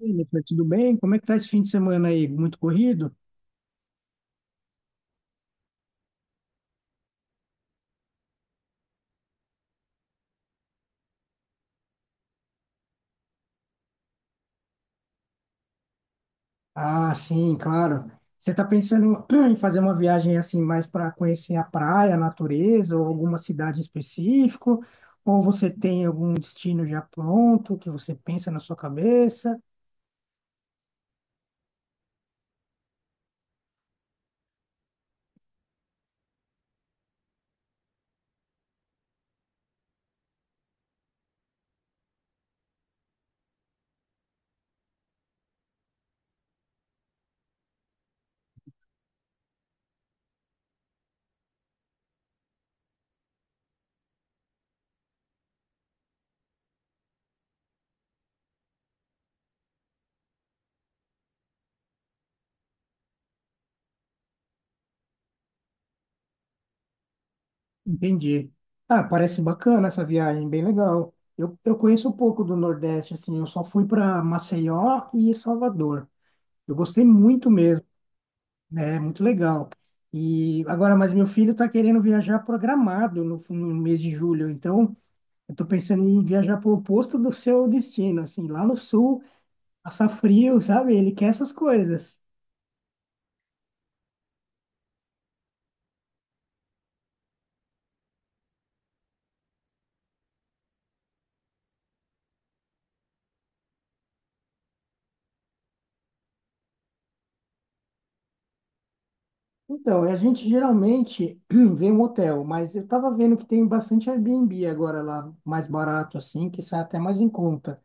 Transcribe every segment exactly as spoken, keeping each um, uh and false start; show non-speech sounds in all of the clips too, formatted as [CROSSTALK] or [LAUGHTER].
Oi, Nicolas, tudo bem? Como é que tá esse fim de semana aí? Muito corrido? Ah, sim, claro. Você está pensando [CLEARS THROAT] em fazer uma viagem assim mais para conhecer a praia, a natureza ou alguma cidade em específico? Ou você tem algum destino já pronto que você pensa na sua cabeça? Entendi. Ah, parece bacana essa viagem, bem legal. Eu, eu conheço um pouco do Nordeste, assim, eu só fui para Maceió e Salvador. Eu gostei muito mesmo. Né? É muito legal. E agora, mas meu filho está querendo viajar programado no, no mês de julho, então eu estou pensando em viajar para o oposto do seu destino, assim, lá no sul, passar frio, sabe? Ele quer essas coisas. Então, a gente geralmente [CLEARS THROAT] vê um hotel, mas eu estava vendo que tem bastante Airbnb agora lá, mais barato, assim, que sai até mais em conta.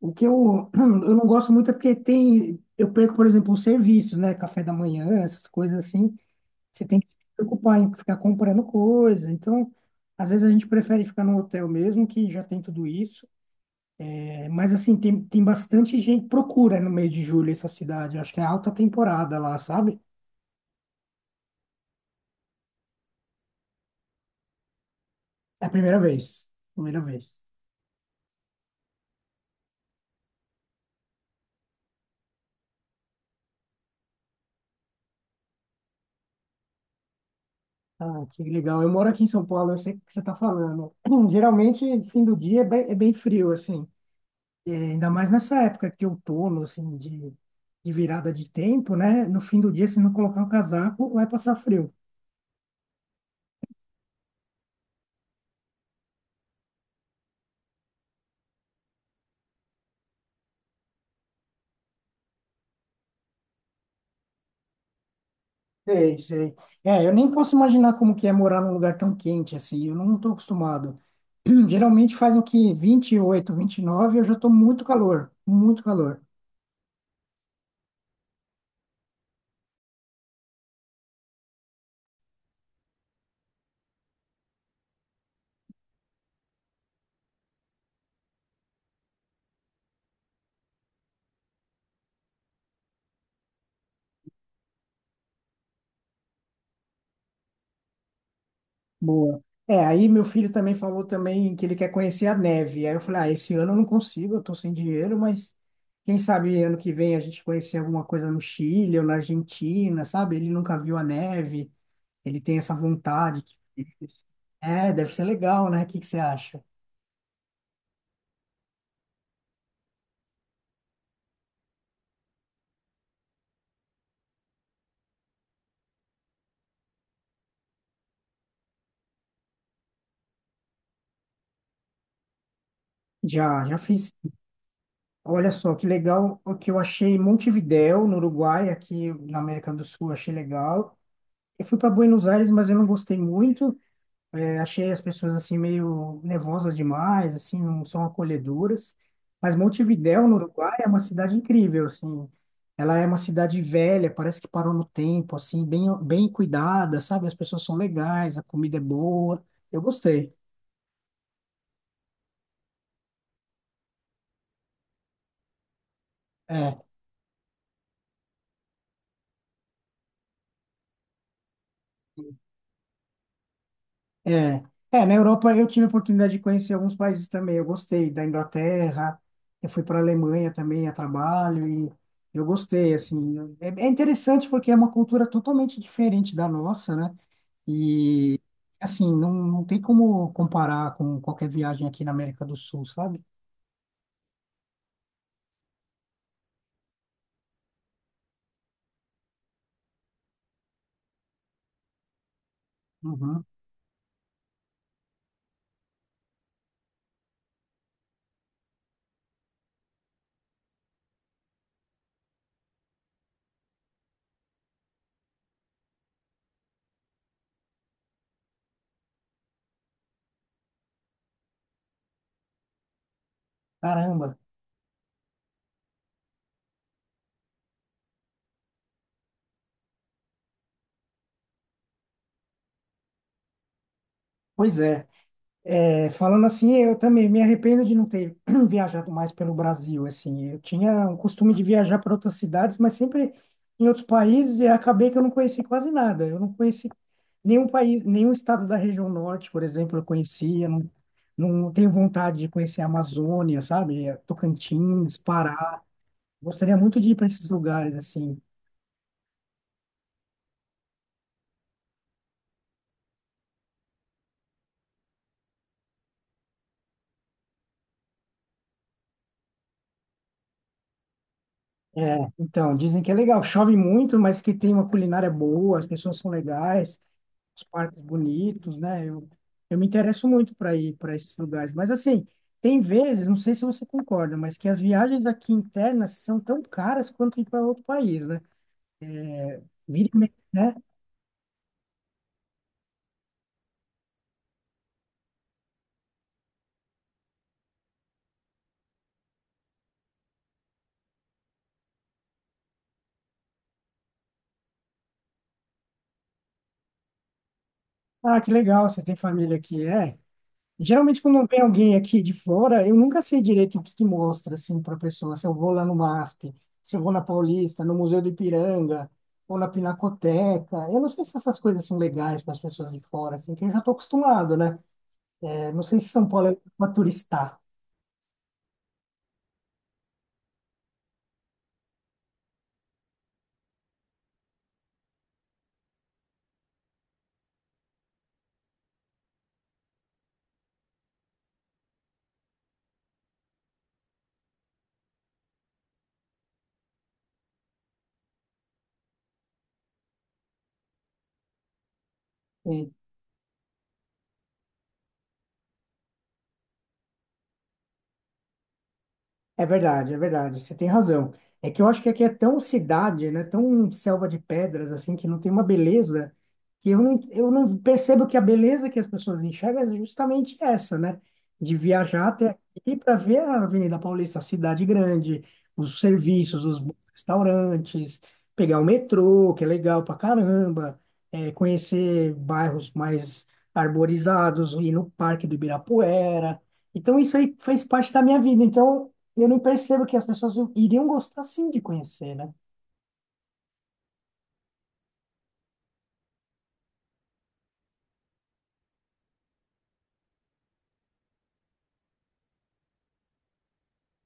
O que eu, [CLEARS THROAT] eu não gosto muito é porque tem, eu perco, por exemplo, o serviço, né? Café da manhã, essas coisas assim. Você tem que se preocupar em ficar comprando coisa. Então, às vezes a gente prefere ficar num hotel mesmo, que já tem tudo isso. É, mas, assim, tem, tem bastante gente que procura no meio de julho essa cidade. Acho que é alta temporada lá, sabe? É a primeira vez. Primeira vez. Ah, que legal. Eu moro aqui em São Paulo, eu sei o que você está falando. [CLEARS THROAT] Geralmente, fim do dia é bem, é bem frio, assim. É, ainda mais nessa época de outono, assim, de, de virada de tempo, né? No fim do dia, se não colocar o casaco, vai passar frio. Sei, sei. É, eu nem posso imaginar como que é morar num lugar tão quente assim. Eu não estou acostumado. Hum, geralmente faz o que vinte vinte e oito, vinte e nove, eu já estou muito calor, muito calor. Boa. É, aí meu filho também falou também que ele quer conhecer a neve. Aí eu falei, ah, esse ano eu não consigo, eu estou sem dinheiro, mas quem sabe ano que vem a gente conhecer alguma coisa no Chile ou na Argentina, sabe? Ele nunca viu a neve, ele tem essa vontade. É, deve ser legal, né? O que que você acha? Já, já fiz. Olha só, que legal o que eu achei em Montevidéu, no Uruguai, aqui na América do Sul, achei legal. Eu fui para Buenos Aires, mas eu não gostei muito. É, achei as pessoas assim meio nervosas demais, assim, não são acolhedoras. Mas Montevidéu, no Uruguai, é uma cidade incrível, assim. Ela é uma cidade velha, parece que parou no tempo, assim, bem, bem cuidada, sabe? As pessoas são legais, a comida é boa. Eu gostei. É. É, é, na Europa eu tive a oportunidade de conhecer alguns países também. Eu gostei da Inglaterra, eu fui para a Alemanha também a trabalho e eu gostei, assim. É, é interessante porque é uma cultura totalmente diferente da nossa, né? E, assim, não, não tem como comparar com qualquer viagem aqui na América do Sul, sabe? Uhum. Caramba. Pois é. É, falando assim, eu também me arrependo de não ter [CLEARS THROAT] viajado mais pelo Brasil, assim. Eu tinha um costume de viajar para outras cidades, mas sempre em outros países e acabei que eu não conheci quase nada. Eu não conheci nenhum país, nenhum estado da região norte, por exemplo, eu conhecia. Não, não tenho vontade de conhecer a Amazônia, sabe? É, Tocantins, Pará. Gostaria muito de ir para esses lugares, assim. É, então, dizem que é legal. Chove muito, mas que tem uma culinária boa, as pessoas são legais. Os parques bonitos, né? Eu, eu me interesso muito para ir para esses lugares. Mas, assim, tem vezes, não sei se você concorda, mas que as viagens aqui internas são tão caras quanto ir para outro país, né? Vira, e mexe, né? Ah, que legal, você tem família aqui. É. Geralmente, quando vem alguém aqui de fora, eu nunca sei direito o que que mostra, assim, para a pessoa. Se eu vou lá no M A S P, se eu vou na Paulista, no Museu do Ipiranga, ou na Pinacoteca. Eu não sei se essas coisas são legais para as pessoas de fora, assim, que eu já estou acostumado, né? Não sei se São Paulo é para turistar. É, é verdade, é verdade. Você tem razão. É que eu acho que aqui é tão cidade, né? Tão selva de pedras, assim, que não tem uma beleza que eu não, eu não percebo que a beleza que as pessoas enxergam é justamente essa, né? De viajar até aqui para ver a Avenida Paulista, a cidade grande, os serviços, os bons restaurantes, pegar o metrô, que é legal pra caramba, é, conhecer bairros mais arborizados, ir no Parque do Ibirapuera. Então, isso aí fez parte da minha vida. Então, e eu não percebo que as pessoas iriam gostar sim de conhecer, né?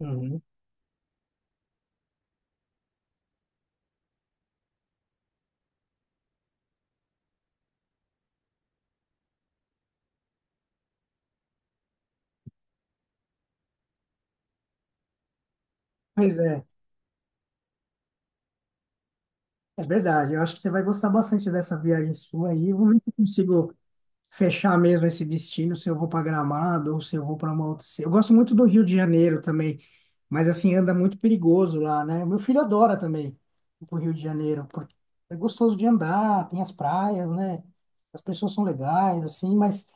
Uhum. Pois é, é verdade. Eu acho que você vai gostar bastante dessa viagem sua aí. Vou ver se eu consigo fechar mesmo esse destino, se eu vou para Gramado ou se eu vou para uma outra. ci- Eu gosto muito do Rio de Janeiro também, mas assim anda muito perigoso lá, né? Meu filho adora também ir pro Rio de Janeiro, porque é gostoso de andar, tem as praias, né? As pessoas são legais, assim, mas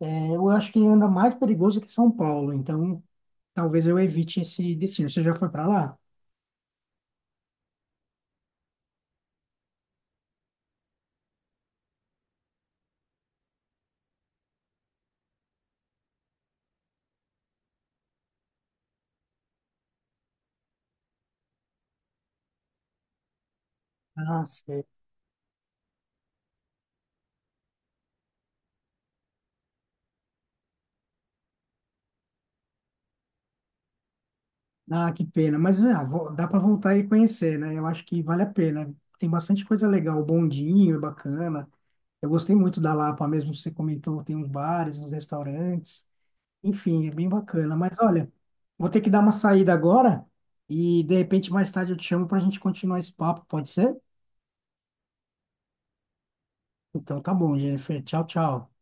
é, eu acho que anda mais perigoso que São Paulo, então talvez eu evite esse destino. Você já foi para lá? Ah, nossa. Ah, que pena. Mas ah, vo- dá para voltar e conhecer, né? Eu acho que vale a pena. Tem bastante coisa legal. O bondinho é bacana. Eu gostei muito da Lapa mesmo. Você comentou, tem uns bares, uns restaurantes. Enfim, é bem bacana. Mas olha, vou ter que dar uma saída agora e de repente mais tarde eu te chamo para a gente continuar esse papo, pode ser? Então tá bom, Jennifer. Tchau, tchau.